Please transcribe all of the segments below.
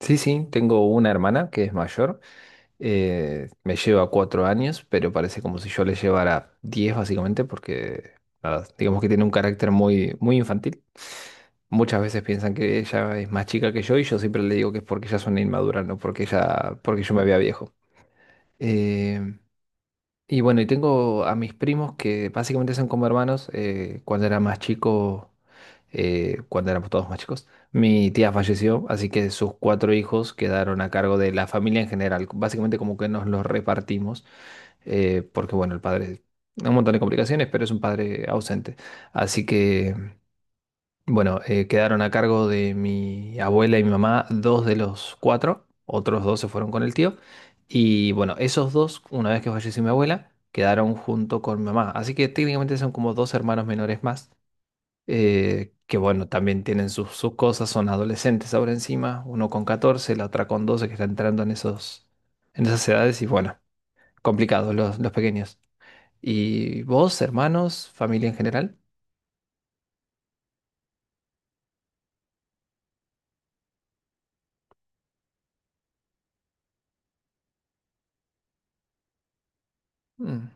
Sí, sí, tengo una hermana que es mayor, me lleva 4 años, pero parece como si yo le llevara 10 básicamente, porque nada, digamos que tiene un carácter muy, muy infantil. Muchas veces piensan que ella es más chica que yo y yo siempre le digo que es porque ella es una inmadura, no porque yo me vea viejo. Eh, y bueno, y tengo a mis primos que básicamente son como hermanos. Cuando éramos todos más chicos. Mi tía falleció, así que sus cuatro hijos quedaron a cargo de la familia en general. Básicamente como que nos los repartimos, porque bueno, el padre, un montón de complicaciones, pero es un padre ausente. Así que bueno, quedaron a cargo de mi abuela y mi mamá dos de los cuatro, otros dos se fueron con el tío. Y bueno, esos dos, una vez que falleció mi abuela, quedaron junto con mi mamá. Así que técnicamente son como dos hermanos menores más, que bueno, también tienen sus cosas, son adolescentes ahora encima, uno con 14, la otra con 12, que está entrando en esas edades y bueno, complicados los pequeños. ¿Y vos, hermanos, familia en general? Mm.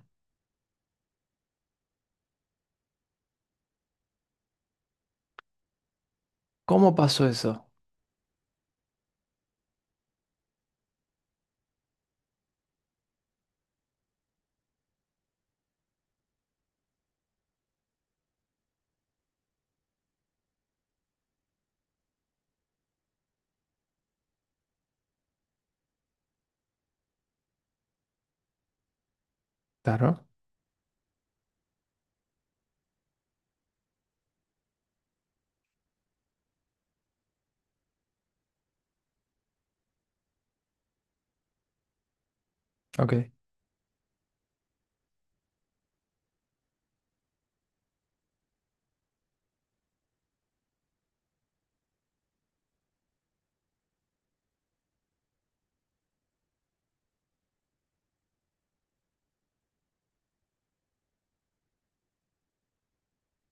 ¿Cómo pasó eso? Claro. Ok,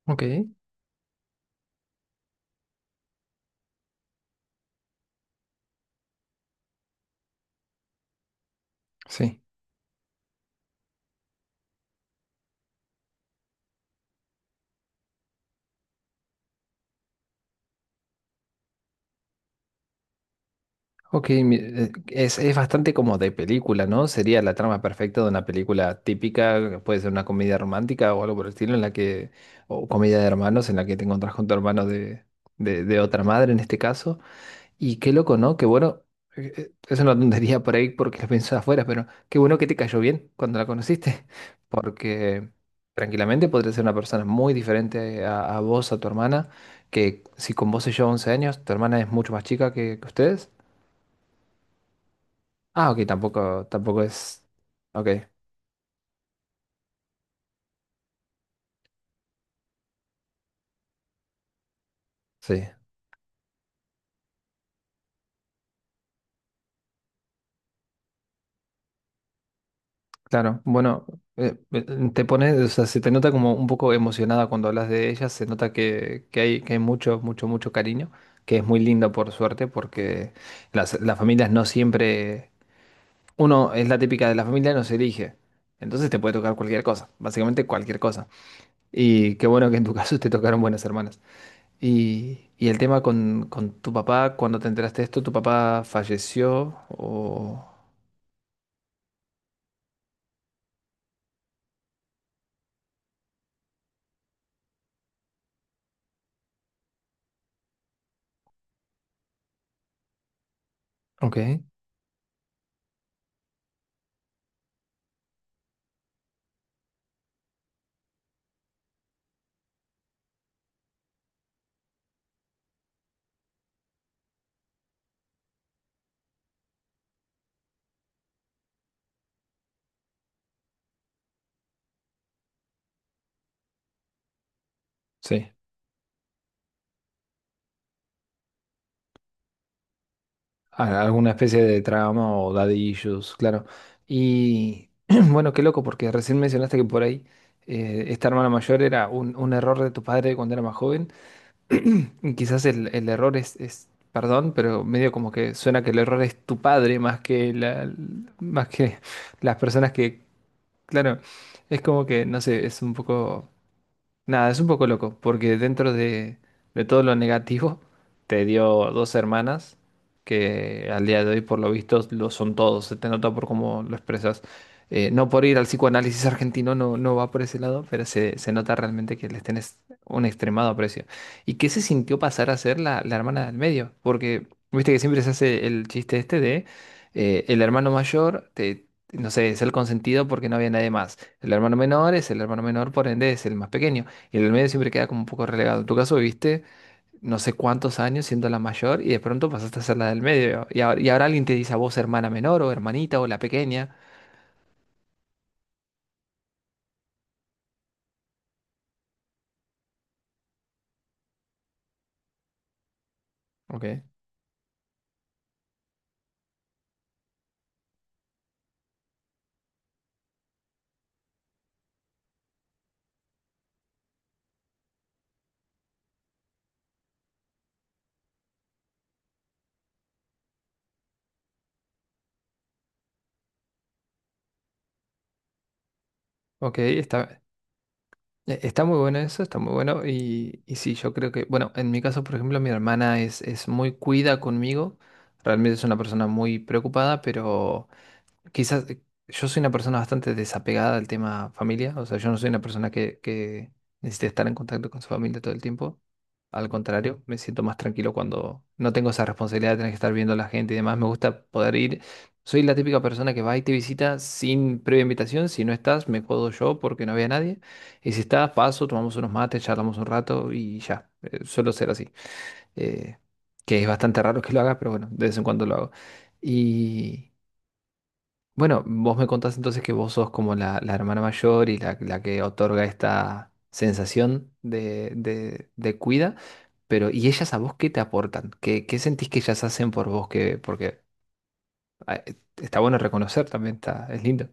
ok, sí. Ok, es bastante como de película, ¿no? Sería la trama perfecta de una película típica, puede ser una comedia romántica o algo por el estilo, en la que, o comedia de hermanos, en la que te encontrás con tu hermano de, de otra madre en este caso. Y qué loco, ¿no? Qué bueno, es una tontería por ahí porque lo pensé afuera, pero qué bueno que te cayó bien cuando la conociste, porque tranquilamente podría ser una persona muy diferente a vos, a tu hermana, que si con vos se lleva 11 años, tu hermana es mucho más chica que ustedes. Ah, ok, tampoco, tampoco es. Ok, sí, claro. Bueno, eh, eh, te pones, o sea, se te nota como un poco emocionada cuando hablas de ella, se nota que hay mucho, mucho, mucho cariño, que es muy lindo por suerte, porque las familias no siempre. Uno es la típica de la familia, no se elige. Entonces te puede tocar cualquier cosa, básicamente cualquier cosa. Y qué bueno que en tu caso te tocaron buenas hermanas. Y el tema con tu papá, cuando te enteraste de esto, ¿tu papá falleció o? Ok, sí. Alguna especie de trama o daddy issues, claro. Y bueno, qué loco, porque recién mencionaste que por ahí esta hermana mayor era un error de tu padre cuando era más joven. Y quizás el error es, perdón, pero medio como que suena que el error es tu padre más que las personas que, claro, es como que, no sé, es un poco nada, es un poco loco, porque dentro de, todo lo negativo, te dio dos hermanas que al día de hoy, por lo visto, lo son todos. Se te nota por cómo lo expresas. No por ir al psicoanálisis argentino, no, no va por ese lado, pero se, nota realmente que les tenés un extremado aprecio. ¿Y qué se sintió pasar a ser la hermana del medio? Porque viste que siempre se hace el chiste este de el hermano mayor, no sé, es el consentido porque no había nadie más. El hermano menor es el hermano menor, por ende es el más pequeño. Y en el medio siempre queda como un poco relegado. En tu caso viviste no sé cuántos años siendo la mayor y de pronto pasaste a ser la del medio. Y ahora alguien te dice a vos hermana menor o hermanita o la pequeña. Ok, ok, está muy bueno eso, está muy bueno. Y sí, yo creo que, bueno, en mi caso, por ejemplo, mi hermana es, muy cuida conmigo. Realmente es una persona muy preocupada, pero quizás yo soy una persona bastante desapegada al tema familia, o sea, yo no soy una persona que necesite estar en contacto con su familia todo el tiempo. Al contrario, me siento más tranquilo cuando no tengo esa responsabilidad de tener que estar viendo a la gente y demás. Me gusta poder ir. Soy la típica persona que va y te visita sin previa invitación. Si no estás, me jodo yo porque no había nadie. Y si estás, paso, tomamos unos mates, charlamos un rato y ya. Suelo ser así. Eh, que es bastante raro que lo haga, pero bueno, de vez en cuando lo hago. Y. Bueno, vos me contás entonces que vos sos como la hermana mayor y la que otorga esta sensación de, de cuida, pero ¿y ellas a vos qué te aportan? ¿Qué sentís que ellas hacen por vos? Que, porque ah, está bueno reconocer también, está, es lindo.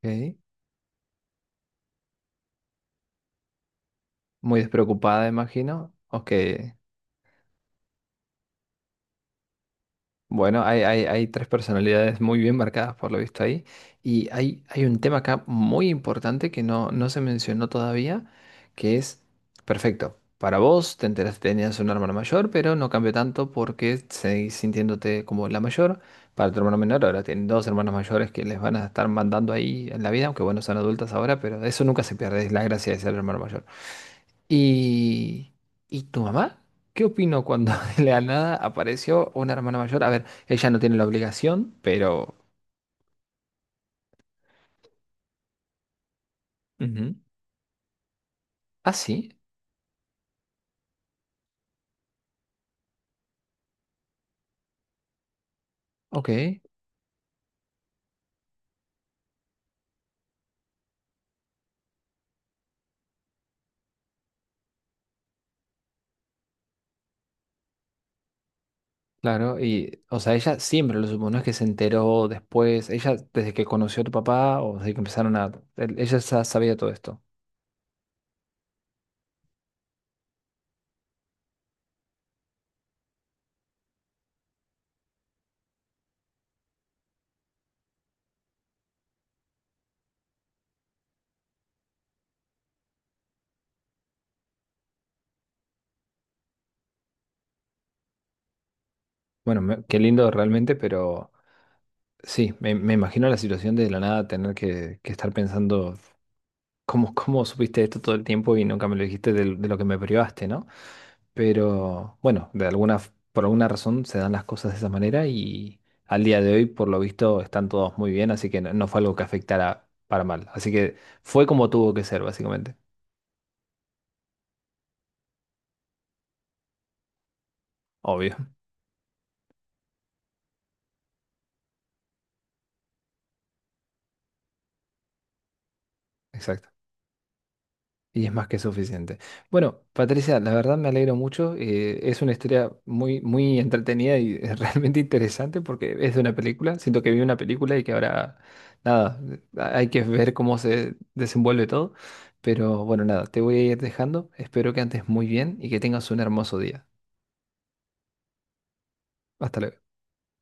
Ok. Muy despreocupada, imagino. Ok. Bueno, hay, hay tres personalidades muy bien marcadas por lo visto ahí. Y hay un tema acá muy importante que no se mencionó todavía, que es, perfecto, para vos te enteraste que tenías un hermano mayor, pero no cambió tanto porque seguís sintiéndote como la mayor. Para tu hermano menor, ahora tienen dos hermanos mayores que les van a estar mandando ahí en la vida, aunque bueno, son adultas ahora, pero eso nunca se pierde, es la gracia de ser hermano mayor. ¿Y, y tu mamá? ¿Qué opinó cuando de la nada apareció una hermana mayor? A ver, ella no tiene la obligación, pero. Ujú. Ah, sí, ok, claro. Y, o sea, ella siempre lo supo, no es que se enteró después, ella desde que conoció a tu papá o desde que empezaron a... el- Ella ya sabía todo esto. Bueno, qué lindo realmente, pero sí, me imagino la situación de la nada tener que, estar pensando, ¿cómo, supiste esto todo el tiempo y nunca me lo dijiste de, lo que me privaste?, ¿no? Pero bueno, por alguna razón se dan las cosas de esa manera y al día de hoy, por lo visto, están todos muy bien, así que no fue algo que afectara para mal. Así que fue como tuvo que ser, básicamente. Obvio. Exacto. Y es más que suficiente. Bueno, Patricia, la verdad me alegro mucho. Es una historia muy, muy entretenida y realmente interesante porque es de una película. Siento que vi una película y que ahora, nada, hay que ver cómo se desenvuelve todo. Pero bueno, nada, te voy a ir dejando. Espero que andes muy bien y que tengas un hermoso día. Hasta luego.